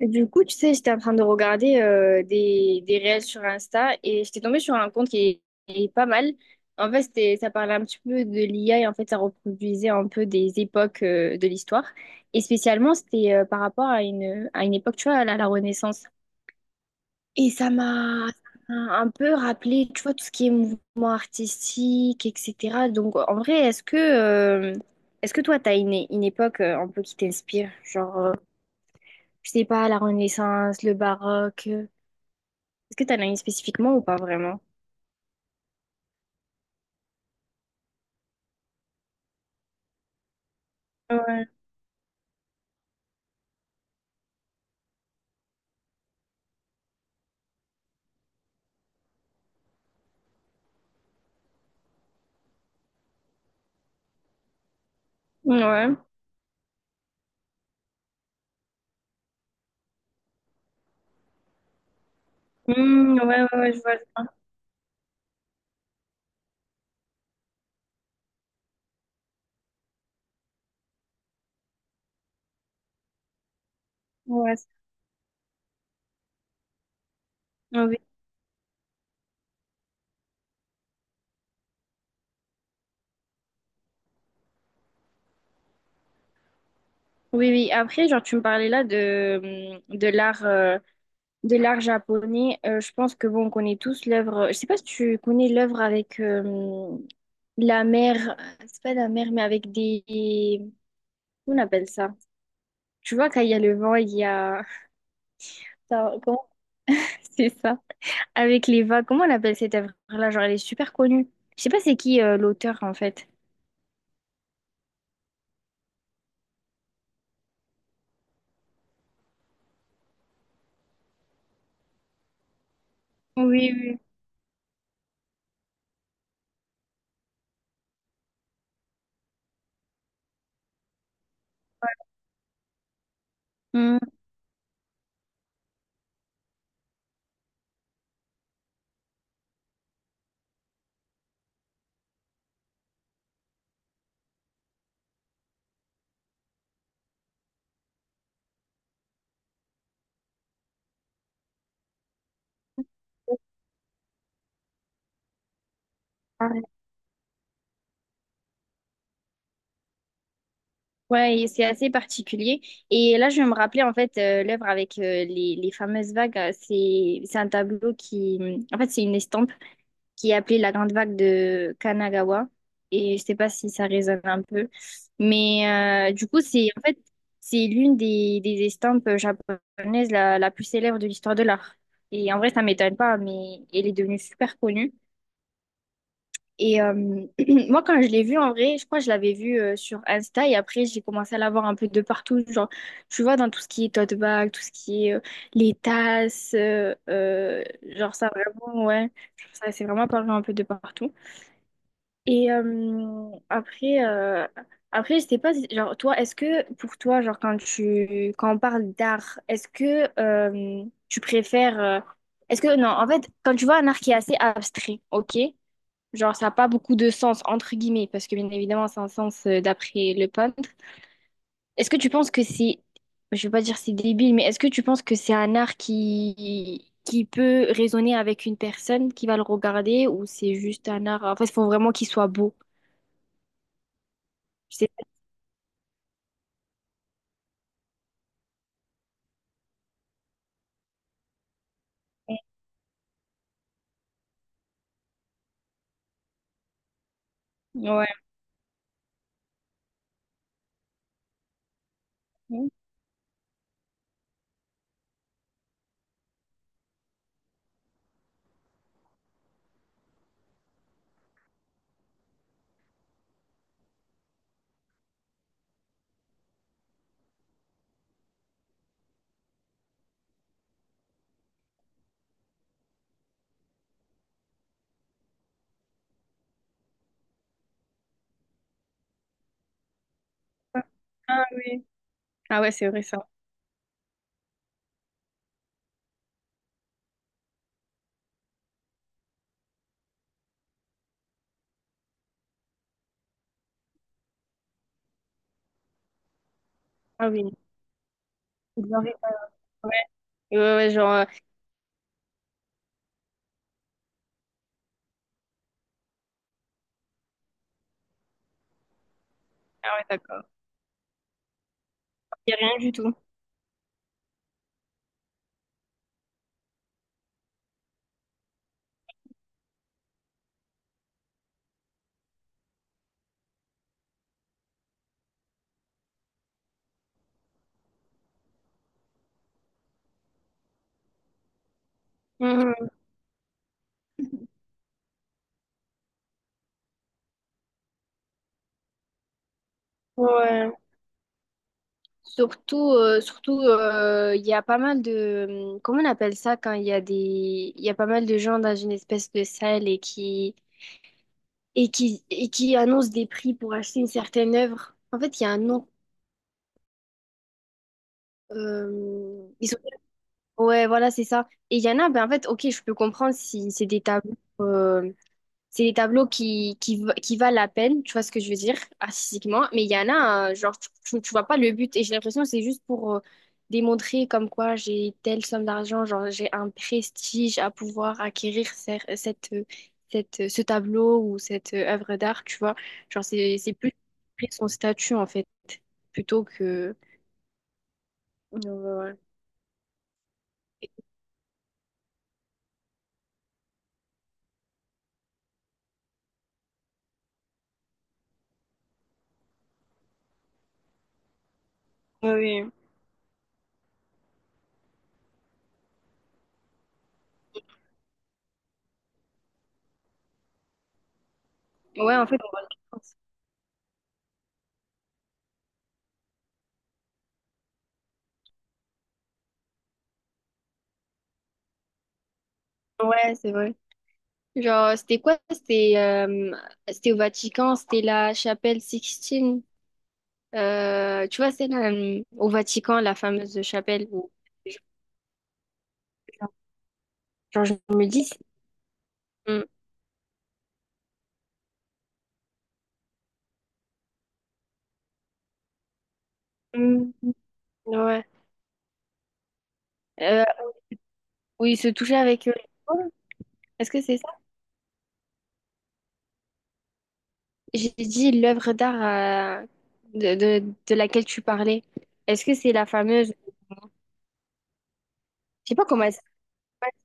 Du coup, tu sais, j'étais en train de regarder des réels sur Insta et j'étais tombée sur un compte qui est pas mal. En fait, ça parlait un petit peu de l'IA et en fait, ça reproduisait un peu des époques de l'histoire. Et spécialement, c'était par rapport à à une époque, tu vois, à la Renaissance. Et ça m'a un peu rappelé, tu vois, tout ce qui est mouvement artistique, etc. Donc, en vrai, est-ce que toi, t'as une époque un peu qui t'inspire. Genre, je sais pas, la Renaissance, le baroque. Est-ce que t'en as une spécifiquement ou pas vraiment? Ouais. Ouais. Hmm, ouais, ouais, ouais, je vois. Ouais. Oui. Oui, oui. Après, genre, tu me parlais là de, mmh, de l'art japonais. Je pense que bon, on connaît tous l'œuvre. Je sais pas si tu connais l'œuvre avec la mer. C'est pas la mer, mais avec des. Comment on appelle ça? Tu vois, quand il y a le vent, il y a. Ça, comment? C'est ça. Avec les vagues, comment on appelle cette œuvre-là? Genre, elle est super connue. Je sais pas c'est qui l'auteur en fait. Oui, oui. Hmm. Ouais, et c'est assez particulier. Et là, je vais me rappeler en fait l'œuvre avec les fameuses vagues. C'est un tableau qui, en fait, c'est une estampe, qui est appelée la grande vague de Kanagawa. Et je sais pas si ça résonne un peu. Mais du coup, c'est l'une des estampes japonaises la plus célèbre de l'histoire de l'art. Et en vrai, ça m'étonne pas, mais elle est devenue super connue. Et moi, quand je l'ai vue, en vrai, je crois que je l'avais vue sur Insta et après, j'ai commencé à la voir un peu de partout. Genre, tu vois, dans tout ce qui est tote bag, tout ce qui est les tasses, genre ça, vraiment, ouais, ça, c'est vraiment apparu un peu de partout. Et après, je sais pas, genre, toi, est-ce que pour toi, genre, quand tu, quand on parle d'art, est-ce que tu préfères, est-ce que, non, en fait, quand tu vois un art qui est assez abstrait, ok, genre, ça n'a pas beaucoup de sens, entre guillemets, parce que bien évidemment, c'est un sens d'après le peintre, est-ce que tu penses que c'est, je veux pas dire c'est débile, mais est-ce que tu penses que c'est un art qui peut résonner avec une personne qui va le regarder ou c'est juste un art, en fait, il faut vraiment qu'il soit beau? Je sais. Ouais. Ah oui. Ah ouais, c'est vrai ça. Ah oui. C'est bien vrai. Ouais, ouais, ouais, genre. Ah ouais, d'accord. Il a rien du tout. Mhm. Ouais. Surtout, il y a pas mal de, comment on appelle ça quand il y a des, il y a pas mal de gens dans une espèce de salle et qui annoncent des prix pour acheter une certaine œuvre. En fait, il y a un nom. euh, ils sont- ouais, voilà, c'est ça. Et il y en a, ben en fait, ok, je peux comprendre si c'est des tableaux. Euh, C'est des tableaux qui valent la peine, tu vois ce que je veux dire, artistiquement. Mais il y en a, genre, tu vois pas le but. Et j'ai l'impression que c'est juste pour démontrer comme quoi j'ai telle somme d'argent, genre, j'ai un prestige à pouvoir acquérir ce tableau ou cette œuvre d'art, tu vois. Genre, c'est plus son statut, en fait, plutôt que. Ouais. Oui. Ouais, en fait, on va le faire. Ouais, c'est vrai. Genre, c'était quoi? C'était au Vatican, c'était la chapelle Sixtine. Tu vois, au Vatican, la fameuse chapelle où, genre, je me dis, Mm. Mm. Ouais, Euh, où il se touchait avec eux. Est-ce que c'est ça? J'ai dit l'œuvre d'art de laquelle tu parlais. Est-ce que c'est la fameuse? Je sais pas comment elle s'appelle.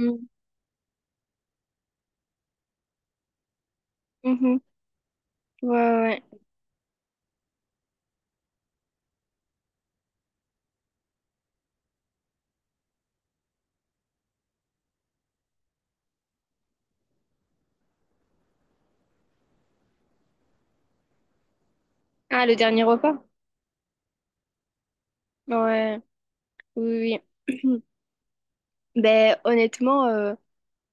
Mm. Mhm. Ouais, ouais. Ah, le dernier repas? Ouais, oui, oui. Ben, honnêtement.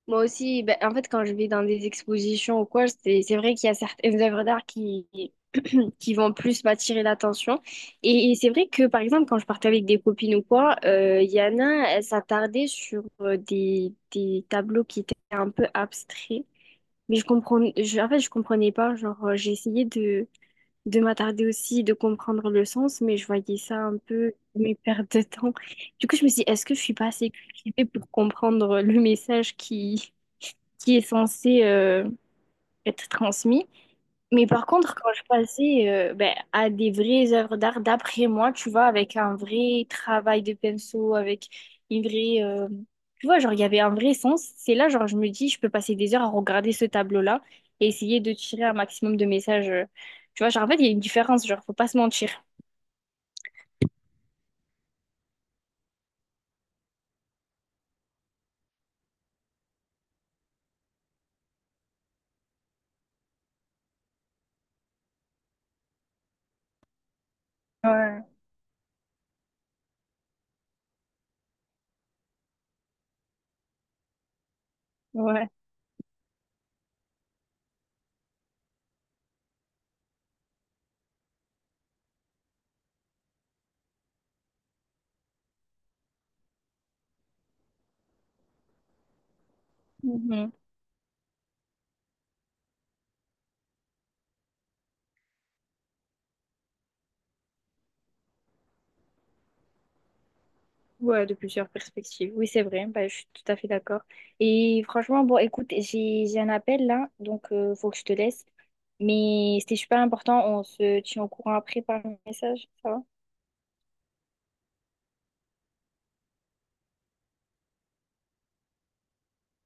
Moi aussi, ben, en fait, quand je vais dans des expositions ou quoi, c'est vrai qu'il y a certaines œuvres d'art qui, qui vont plus m'attirer l'attention. Et c'est vrai que, par exemple, quand je partais avec des copines ou quoi, Yana, elle s'attardait sur des tableaux qui étaient un peu abstraits. Mais je comprenais, en fait, je comprenais pas. Genre, j'ai essayé de m'attarder aussi, de comprendre le sens, mais je voyais ça un peu, mes pertes de temps. Du coup, je me suis dit, est-ce que je suis pas assez cultivée pour comprendre le message qui est censé être transmis. Mais par contre, quand je passais ben, à des vraies œuvres d'art, d'après moi, tu vois, avec un vrai travail de pinceau, avec une vraie. Tu vois, genre, il y avait un vrai sens. C'est là, genre, je me dis, je peux passer des heures à regarder ce tableau-là et essayer de tirer un maximum de messages. Tu vois, genre, en fait, il y a une différence, genre, faut pas se mentir. Ouais, ouais. Mhm. Ouais, de plusieurs perspectives. Oui, c'est vrai. Bah, je suis tout à fait d'accord. Et franchement, bon, écoute, j'ai un appel là, donc faut que je te laisse. Mais c'était super important. On se tient au courant après par message, ça va?